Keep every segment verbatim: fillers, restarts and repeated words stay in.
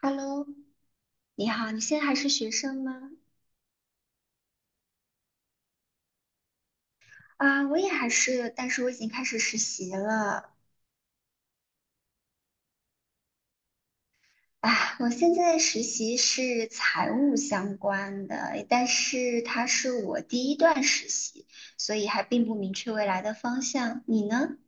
Hello，你好，你现在还是学生吗？啊，我也还是，但是我已经开始实习了。啊，我现在实习是财务相关的，但是它是我第一段实习，所以还并不明确未来的方向。你呢？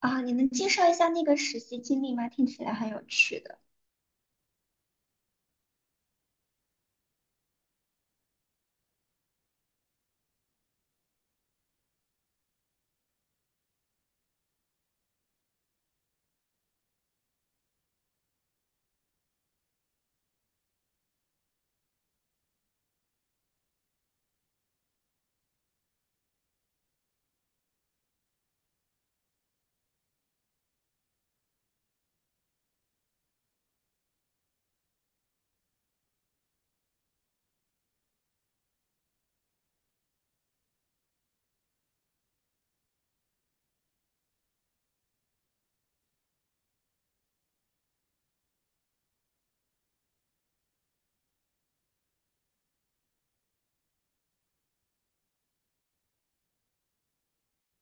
啊，你能介绍一下那个实习经历吗？听起来很有趣的。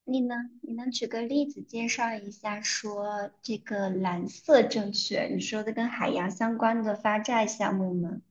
你呢？你能举个例子介绍一下，说这个蓝色证券，你说的跟海洋相关的发债项目吗？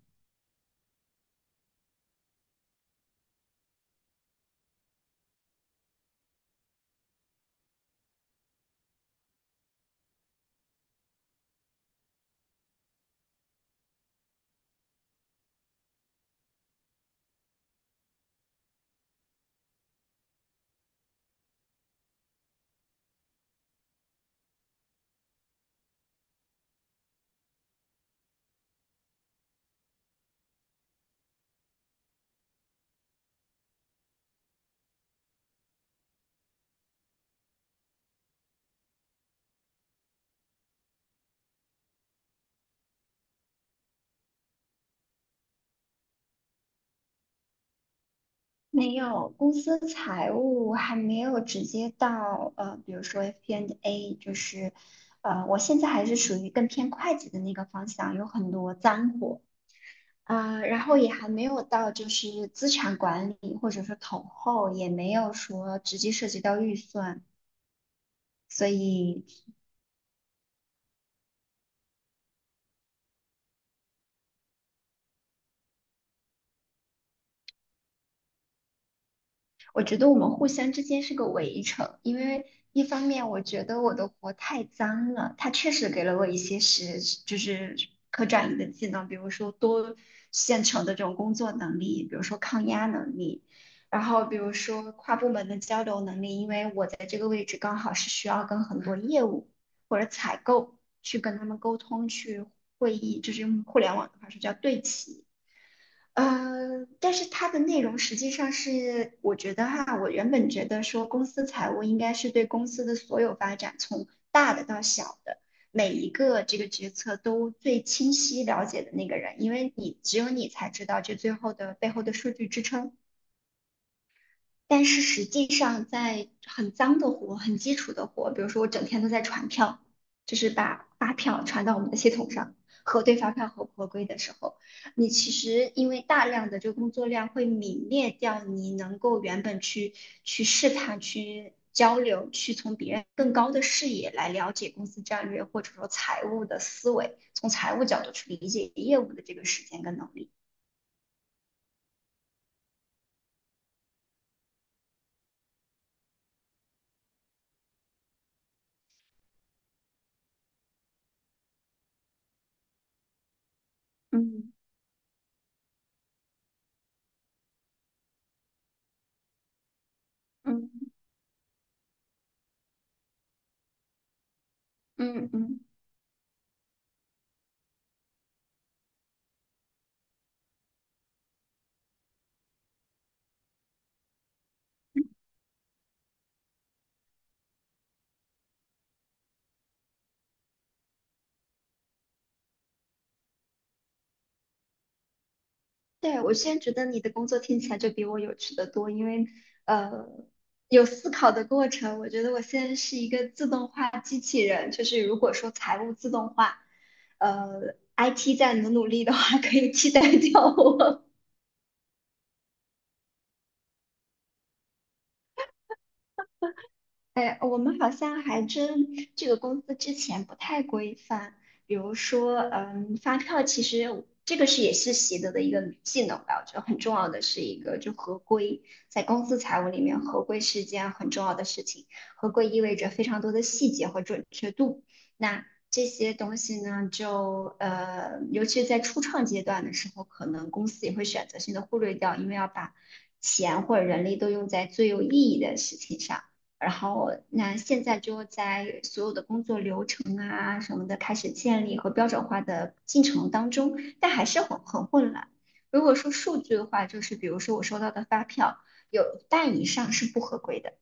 没有，公司财务还没有直接到呃，比如说 FP&A，就是呃，我现在还是属于更偏会计的那个方向，有很多脏活啊，呃然后也还没有到就是资产管理或者是统后，也没有说直接涉及到预算，所以我觉得我们互相之间是个围城，因为一方面我觉得我的活太脏了，它确实给了我一些实，就是可转移的技能，比如说多线程的这种工作能力，比如说抗压能力，然后比如说跨部门的交流能力，因为我在这个位置刚好是需要跟很多业务或者采购去跟他们沟通，去会议，就是用互联网的话说叫对齐。呃，但是它的内容实际上是，我觉得哈，我原本觉得说公司财务应该是对公司的所有发展，从大的到小的，每一个这个决策都最清晰了解的那个人，因为你只有你才知道这最后的背后的数据支撑。但是实际上，在很脏的活、很基础的活，比如说我整天都在传票，就是把发票传到我们的系统上，核对发票合不合规的时候，你其实因为大量的这个工作量会泯灭掉你能够原本去去试探、去交流、去从别人更高的视野来了解公司战略或者说财务的思维，从财务角度去理解业务的这个时间跟能力。嗯嗯嗯嗯。对，我现在觉得你的工作听起来就比我有趣的多，因为呃有思考的过程。我觉得我现在是一个自动化机器人，就是如果说财务自动化，呃，I T 再努努力的话，可以替代掉我。哎，我们好像还真这个公司之前不太规范，比如说，嗯，发票其实这个是也是习得的一个技能吧，我觉得很重要的是一个就合规，在公司财务里面，合规是件很重要的事情，合规意味着非常多的细节和准确度，那这些东西呢，就呃，尤其在初创阶段的时候，可能公司也会选择性的忽略掉，因为要把钱或者人力都用在最有意义的事情上。然后那现在就在所有的工作流程啊什么的开始建立和标准化的进程当中，但还是很很混乱。如果说数据的话，就是比如说我收到的发票有半以上是不合规的。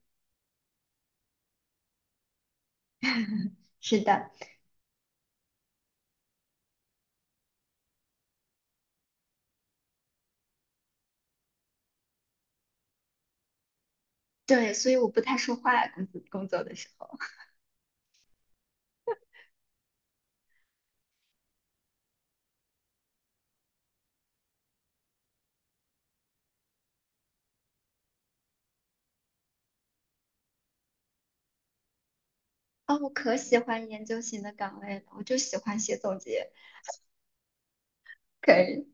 是的，对，所以我不太说话，工作工作的时候啊 我可喜欢研究型的岗位了，我就喜欢写总结，可以，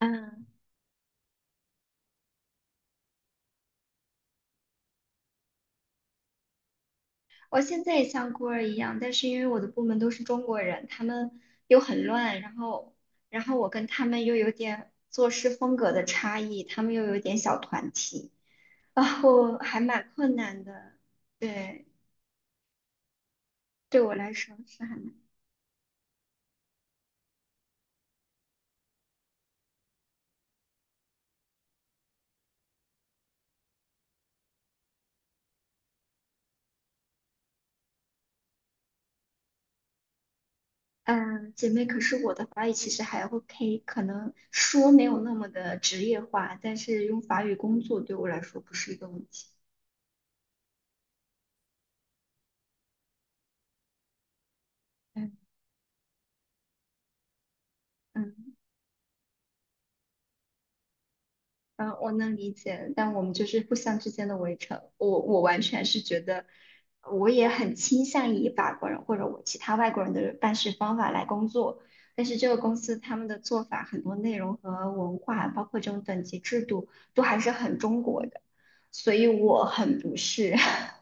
嗯。我现在也像孤儿一样，但是因为我的部门都是中国人，他们又很乱，然后，然后我跟他们又有点做事风格的差异，他们又有点小团体，然后还蛮困难的。对，对我来说是很难。嗯，姐妹，可是我的法语其实还 OK，可能说没有那么的职业化，但是用法语工作对我来说不是一个问题。嗯，嗯。嗯，我能理解，但我们就是互相之间的围城。我我完全是觉得，我也很倾向以法国人或者我其他外国人的办事方法来工作，但是这个公司他们的做法很多内容和文化，包括这种等级制度，都还是很中国的，所以我很不适。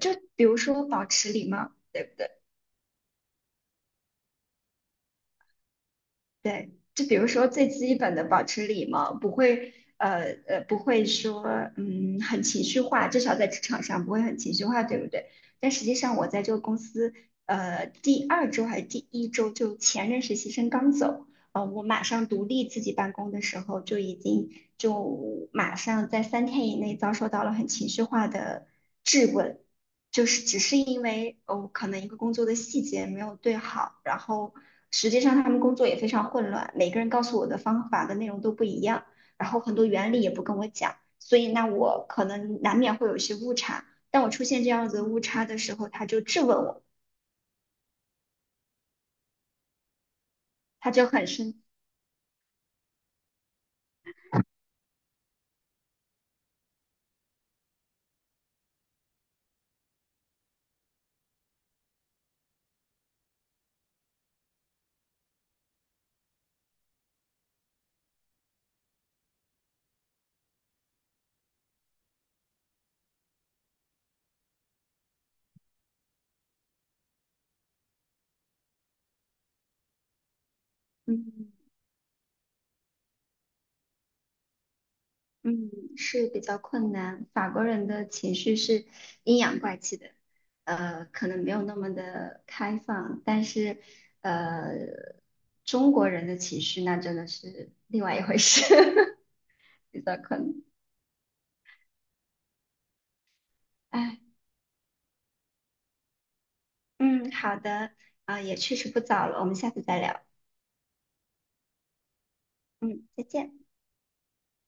就比如说保持礼貌，对不对？对，就比如说最基本的保持礼貌，不会呃呃不会说嗯很情绪化，至少在职场上不会很情绪化，对不对？但实际上我在这个公司呃第二周还是第一周，就前任实习生刚走，呃我马上独立自己办公的时候，就已经就马上在三天以内遭受到了很情绪化的质问。就是只是因为哦，可能一个工作的细节没有对好，然后实际上他们工作也非常混乱，每个人告诉我的方法的内容都不一样，然后很多原理也不跟我讲，所以那我可能难免会有一些误差。当我出现这样子的误差的时候，他就质问我，他就很生，嗯。嗯，是比较困难。法国人的情绪是阴阳怪气的，呃，可能没有那么的开放，但是呃，中国人的情绪那真的是另外一回事，比较困难。哎，嗯，好的，啊，也确实不早了，我们下次再聊。嗯，再见。